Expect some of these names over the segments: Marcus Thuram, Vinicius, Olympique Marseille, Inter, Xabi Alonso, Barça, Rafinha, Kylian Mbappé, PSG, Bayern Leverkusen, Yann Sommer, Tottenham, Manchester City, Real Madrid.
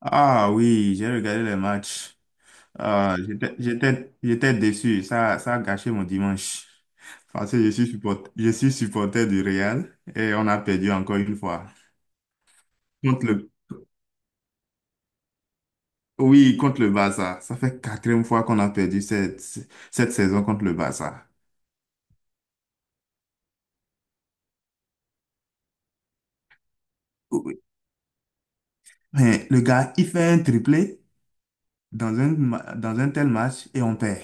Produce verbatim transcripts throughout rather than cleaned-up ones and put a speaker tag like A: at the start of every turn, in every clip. A: Ah oui, j'ai regardé les matchs. Ah, j'étais, j'étais, j'étais déçu. Ça, ça a gâché mon dimanche. Parce que je suis supporter, je suis supporter du Real et on a perdu encore une fois. Contre le, oui, contre le Barça. Ça fait quatrième fois qu'on a perdu cette, cette saison contre le Barça. Oui. Mais le gars, il fait un triplé dans un, ma- dans un tel match et on perd.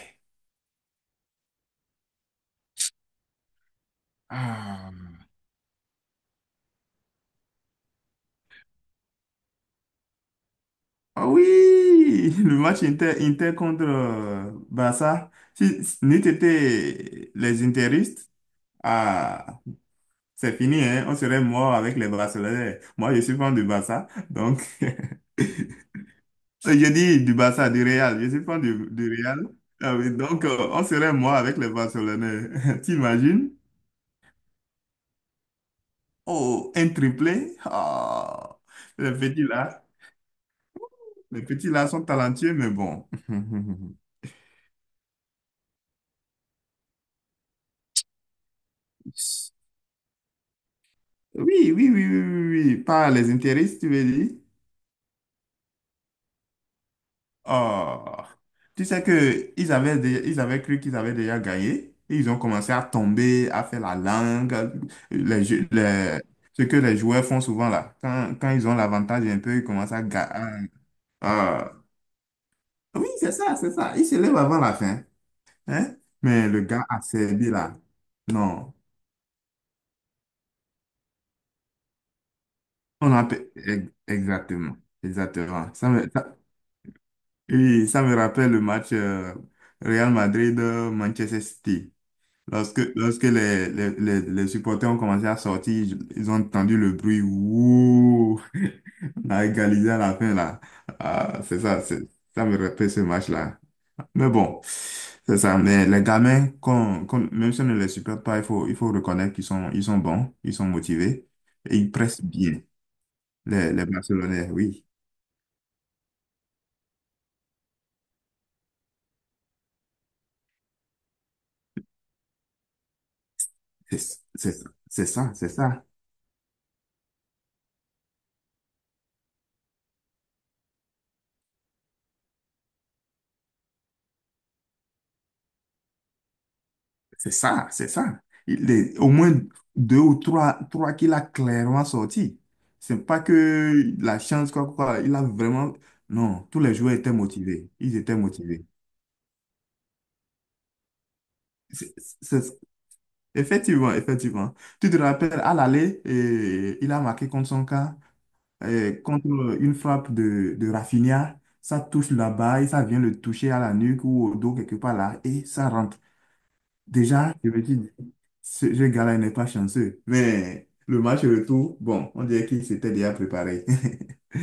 A: Ah. Ah oui, le match Inter, Inter contre euh, Barça. Si, si nous étions les Interistes, ah, c'est fini, hein, on serait mort avec les Barcelonais. Moi, je suis fan du Barça, donc je dis du Barça, du Real. Je suis fan du, du Real. Ah oui, donc euh, on serait mort avec les Barcelonais. T'imagines? Oh, un triplé. Ah, les petits là, les petits là sont talentueux, mais bon. Oui, oui, oui, oui, oui, oui, oui. par les intérêts, tu veux dire? Oh, tu sais que ils avaient, dé- ils avaient cru qu'ils avaient déjà gagné. et Ils ont commencé à tomber, à faire la langue, les, jeux- les- ce que les joueurs font souvent là. Quand, quand ils ont l'avantage un peu, ils commencent à gagner. oui, c'est ça, c'est ça. Ils se lèvent avant la fin. Hein? Mais le gars a servi là. Non. On a... pe- Exactement. Exactement. Ça, me- ça- Oui, ça me rappelle le match euh, Real Madrid-Manchester City. Lorsque, lorsque les, les, les, les supporters ont commencé à sortir, ils ils ont entendu le bruit. Ouh, on a égalisé à la fin là. Ah, c'est ça, c'est, ça me rappelle ce match-là. Mais bon, c'est ça. Mais les gamins, qu'on, qu'on- même si on ne les supporte pas, il faut, il faut reconnaître qu'ils sont, ils sont bons, ils sont motivés et ils pressent bien. Les, les Barcelonais, oui, c'est c'est- c'est ça, c'est ça. C'est ça, c'est ça. Il est au moins deux ou trois, trois qu'il a clairement sorti. C'est pas que la chance, quoi, quoi. Il a vraiment. Non, tous les joueurs étaient motivés. Ils étaient motivés. C'est- c'est- Effectivement, effectivement. Tu te rappelles, à l'aller, eh, il a marqué contre son cas, eh, contre une frappe de, de Rafinha. Ça touche là-bas et ça vient le toucher à la nuque ou au dos, quelque part là, et ça rentre. Déjà, je me dis, ce ce gars-là n'est pas chanceux. Mais le match retour, bon, on dirait qu'il s'était déjà préparé.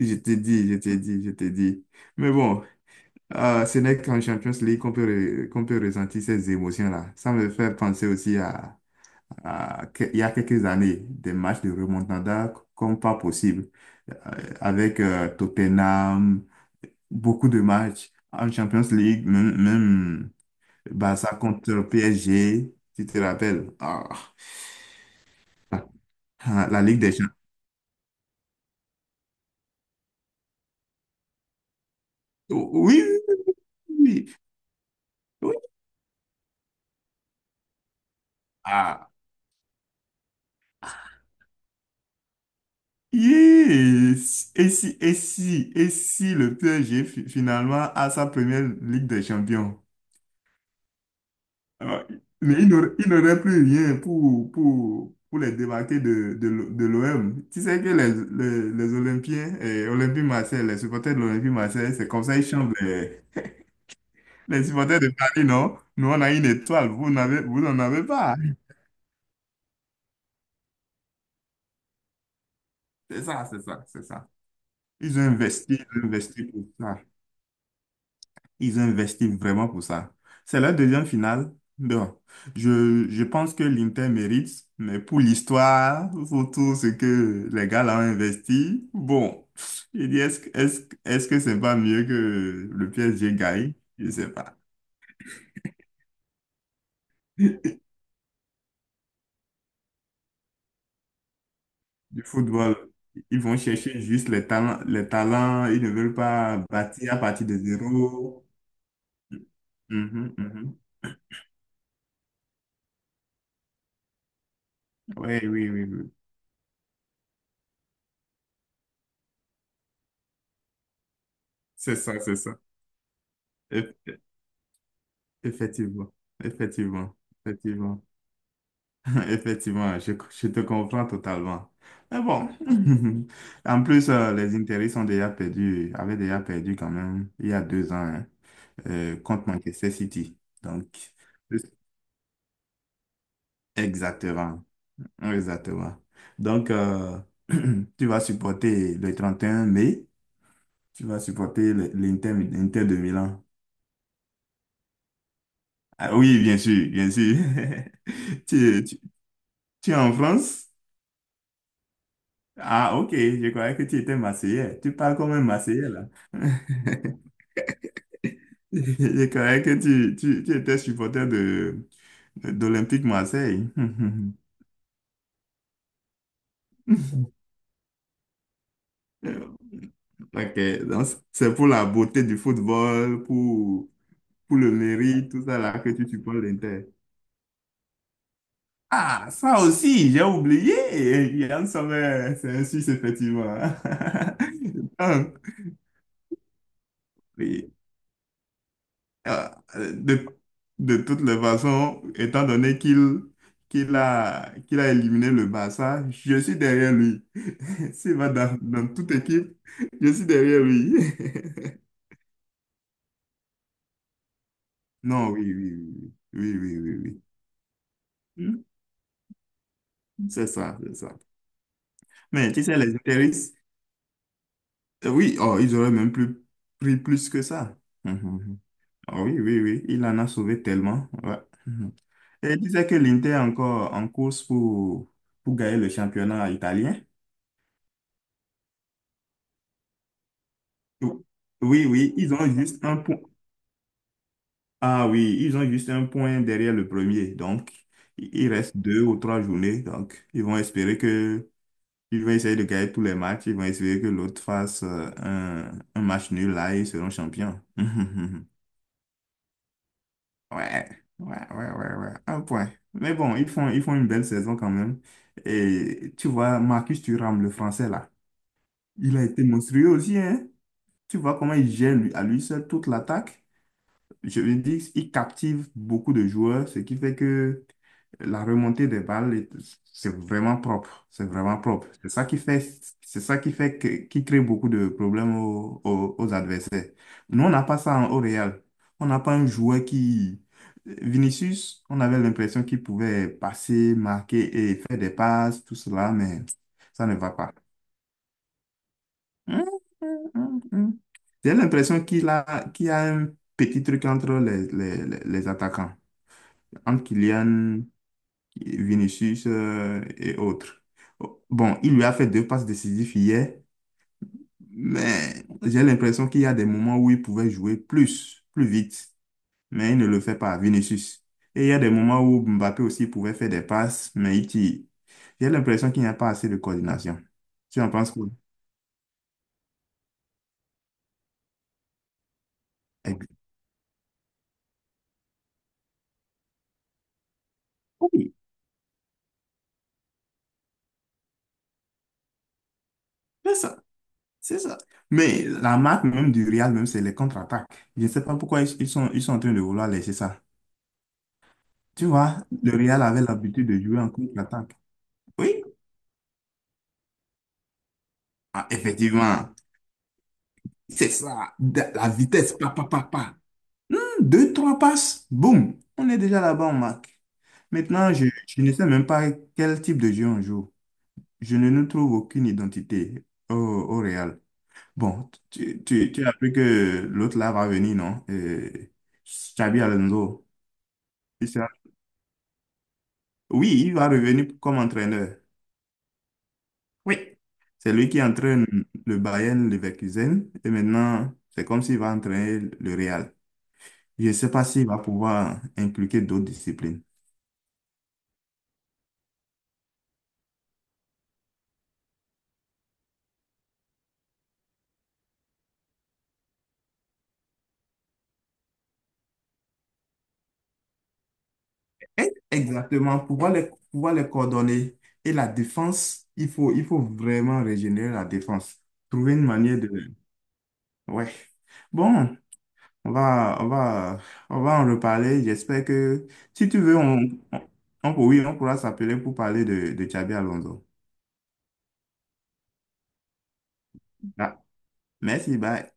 A: Je t'ai dit, je t'ai dit, je t'ai dit. Mais bon, euh, ce n'est qu'en Champions League qu'on peut, re- qu'on peut ressentir ces émotions-là. Ça me fait penser aussi à, à que- il y a quelques années, des matchs de remontada comme pas possible. Euh, avec euh, Tottenham, beaucoup de matchs en Champions League, même, Barça contre P S G, tu te rappelles? Ah, ah, la Ligue des Champions. Oui, oui, oui. Oui. Oui. Ah, yes. Et si, et si, et si le P S G fi- finalement a sa première Ligue des Champions? Ah, mais il n'aurait il n'aurait plus rien pour, pour, pour les débarquer de, de, l'O- de l'O M. Tu sais que les, les, les Olympiens, et Olympique Marseille, les supporters de l'Olympique Marseille, c'est comme ça ils chantent. Les supporters de Paris, non? Nous, on a une étoile, vous n'avez, vous n'en avez pas. C'est ça, c'est ça, c'est ça. Ils ont investi, ils ont investi pour ça. Ils ont investi vraiment pour ça. C'est la deuxième finale. Donc, je, je pense que l'Inter mérite, mais pour l'histoire, pour tout ce que les gars là ont investi, bon, je dis, est-ce, que- est-ce, que- est-ce que c'est pas mieux que le P S G gagne? Je sais pas. Du football. Ils vont chercher juste les talents, les talents. Ils ne veulent pas bâtir à partir de zéro. Mhm, mhm. Ouais, oui, oui, oui, c'est ça, c'est ça. Eff- Effectivement, effectivement, effectivement, effectivement. Je, je te comprends totalement. Mais bon, en plus, euh, les intérêts sont déjà perdus, avaient déjà perdu quand même il y a deux ans hein, euh, contre Manchester City. Donc, exactement. Oui, Exactement. Donc, euh, tu vas supporter le trente et un mai, tu vas supporter le- l'Inter, l'Inter de Milan. Ah, oui, bien sûr, bien sûr. Tu, tu- tu es en France? Ah, ok, je croyais que tu étais Marseillais. Tu parles comme un Marseillais, là. Je croyais que tu, tu, tu étais supporter de, d'Olympique Marseille. Ok, donc c'est pour la beauté du football, pour pour le mairie, tout ça là que tu supportes l'Inter. Ah, ça aussi, j'ai oublié. Yann Sommer, c'est un Suisse, effectivement. Donc, oui, euh, de, de toutes les façons, étant donné qu'il qu'il a, qu'il a éliminé le Barça, je suis derrière lui. S'il va dans, dans toute équipe, je suis derrière lui. Non, oui, oui, oui, oui, oui, oui, oui. Oui. Hmm, c'est ça, c'est ça. Mais tu sais, les intérêts. Euh, Oui, oh, ils auraient même plus pris plus que ça. Mhm. Ah oui, oui, oui, il en a sauvé tellement. Ouais. Mhm. Et il disait que l'Inter est encore en course pour, pour gagner le championnat italien. Ou- Oui, oui, ils ont juste un point. Ah oui, ils ont juste un point derrière le premier. Donc, il il reste deux ou trois journées. Donc, ils vont espérer que, ils vont essayer de gagner tous les matchs. Ils vont espérer que l'autre fasse euh, un, un match nul là et ils seront champions. Ouais, ouais, ouais, ouais, ouais, un point. Mais bon, ils font, ils font une belle saison quand même. Et tu vois, Marcus Thuram, le français là, il a été monstrueux aussi, hein. Tu vois comment il gère lui- à lui seul toute l'attaque. Je veux dire, il captive beaucoup de joueurs, ce qui fait que la remontée des balles, est- c'est vraiment propre. C'est vraiment propre. C'est ça qui fait, c'est ça qui fait que, qui crée beaucoup de problèmes aux, aux- aux adversaires. Nous, on n'a pas ça en- au Real. On n'a pas un joueur qui... Vinicius, on avait l'impression qu'il pouvait passer, marquer et faire des passes, tout cela, mais ça ne va pas. Hum, hum, hum, hum. J'ai l'impression qu'il a, qu'il y a un petit truc entre les, les, les- les attaquants, entre Kylian, Vinicius euh, et autres. Bon, il lui a fait deux passes décisives hier, mais j'ai l'impression qu'il y a des moments où il pouvait jouer plus, plus vite, mais il ne le fait pas, Vinicius. Et il y a des moments où Mbappé aussi pouvait faire des passes, mais il tire. J'ai l'impression qu'il n'y a pas assez de coordination. Tu en penses quoi? Ex- Oui. C'est ça. Mais la marque même du Real, même, c'est les contre-attaques. Je ne sais pas pourquoi ils, ils sont, ils sont en train de vouloir laisser ça. Tu vois, le Real avait l'habitude de jouer en contre-attaque. Oui, ah, effectivement. C'est ça. De- La vitesse, pa, pa, pa, pa. Hmm, deux, trois passes, boum. On est déjà là-bas, on marque. Maintenant, je, je ne sais même pas quel type de jeu on joue. Je ne nous trouve aucune identité au, au Real. Bon, tu, tu, tu as appris que l'autre là va venir, non? Euh, Xabi Alonso. Il sera- Oui, il va revenir comme entraîneur. Oui. C'est lui qui entraîne le Bayern Leverkusen et maintenant, c'est comme s'il va entraîner le Real. Je ne sais pas s'il va pouvoir impliquer d'autres disciplines. Et- Exactement, pouvoir les, pouvoir les coordonner. Et la défense, il faut, il faut vraiment régénérer la défense. Trouver une manière de... Ouais. Bon, On va, on va, on va en reparler. J'espère que si tu veux, on, on, on- oui, on pourra s'appeler pour parler de, de Xabi Alonso. Ah, merci, bye.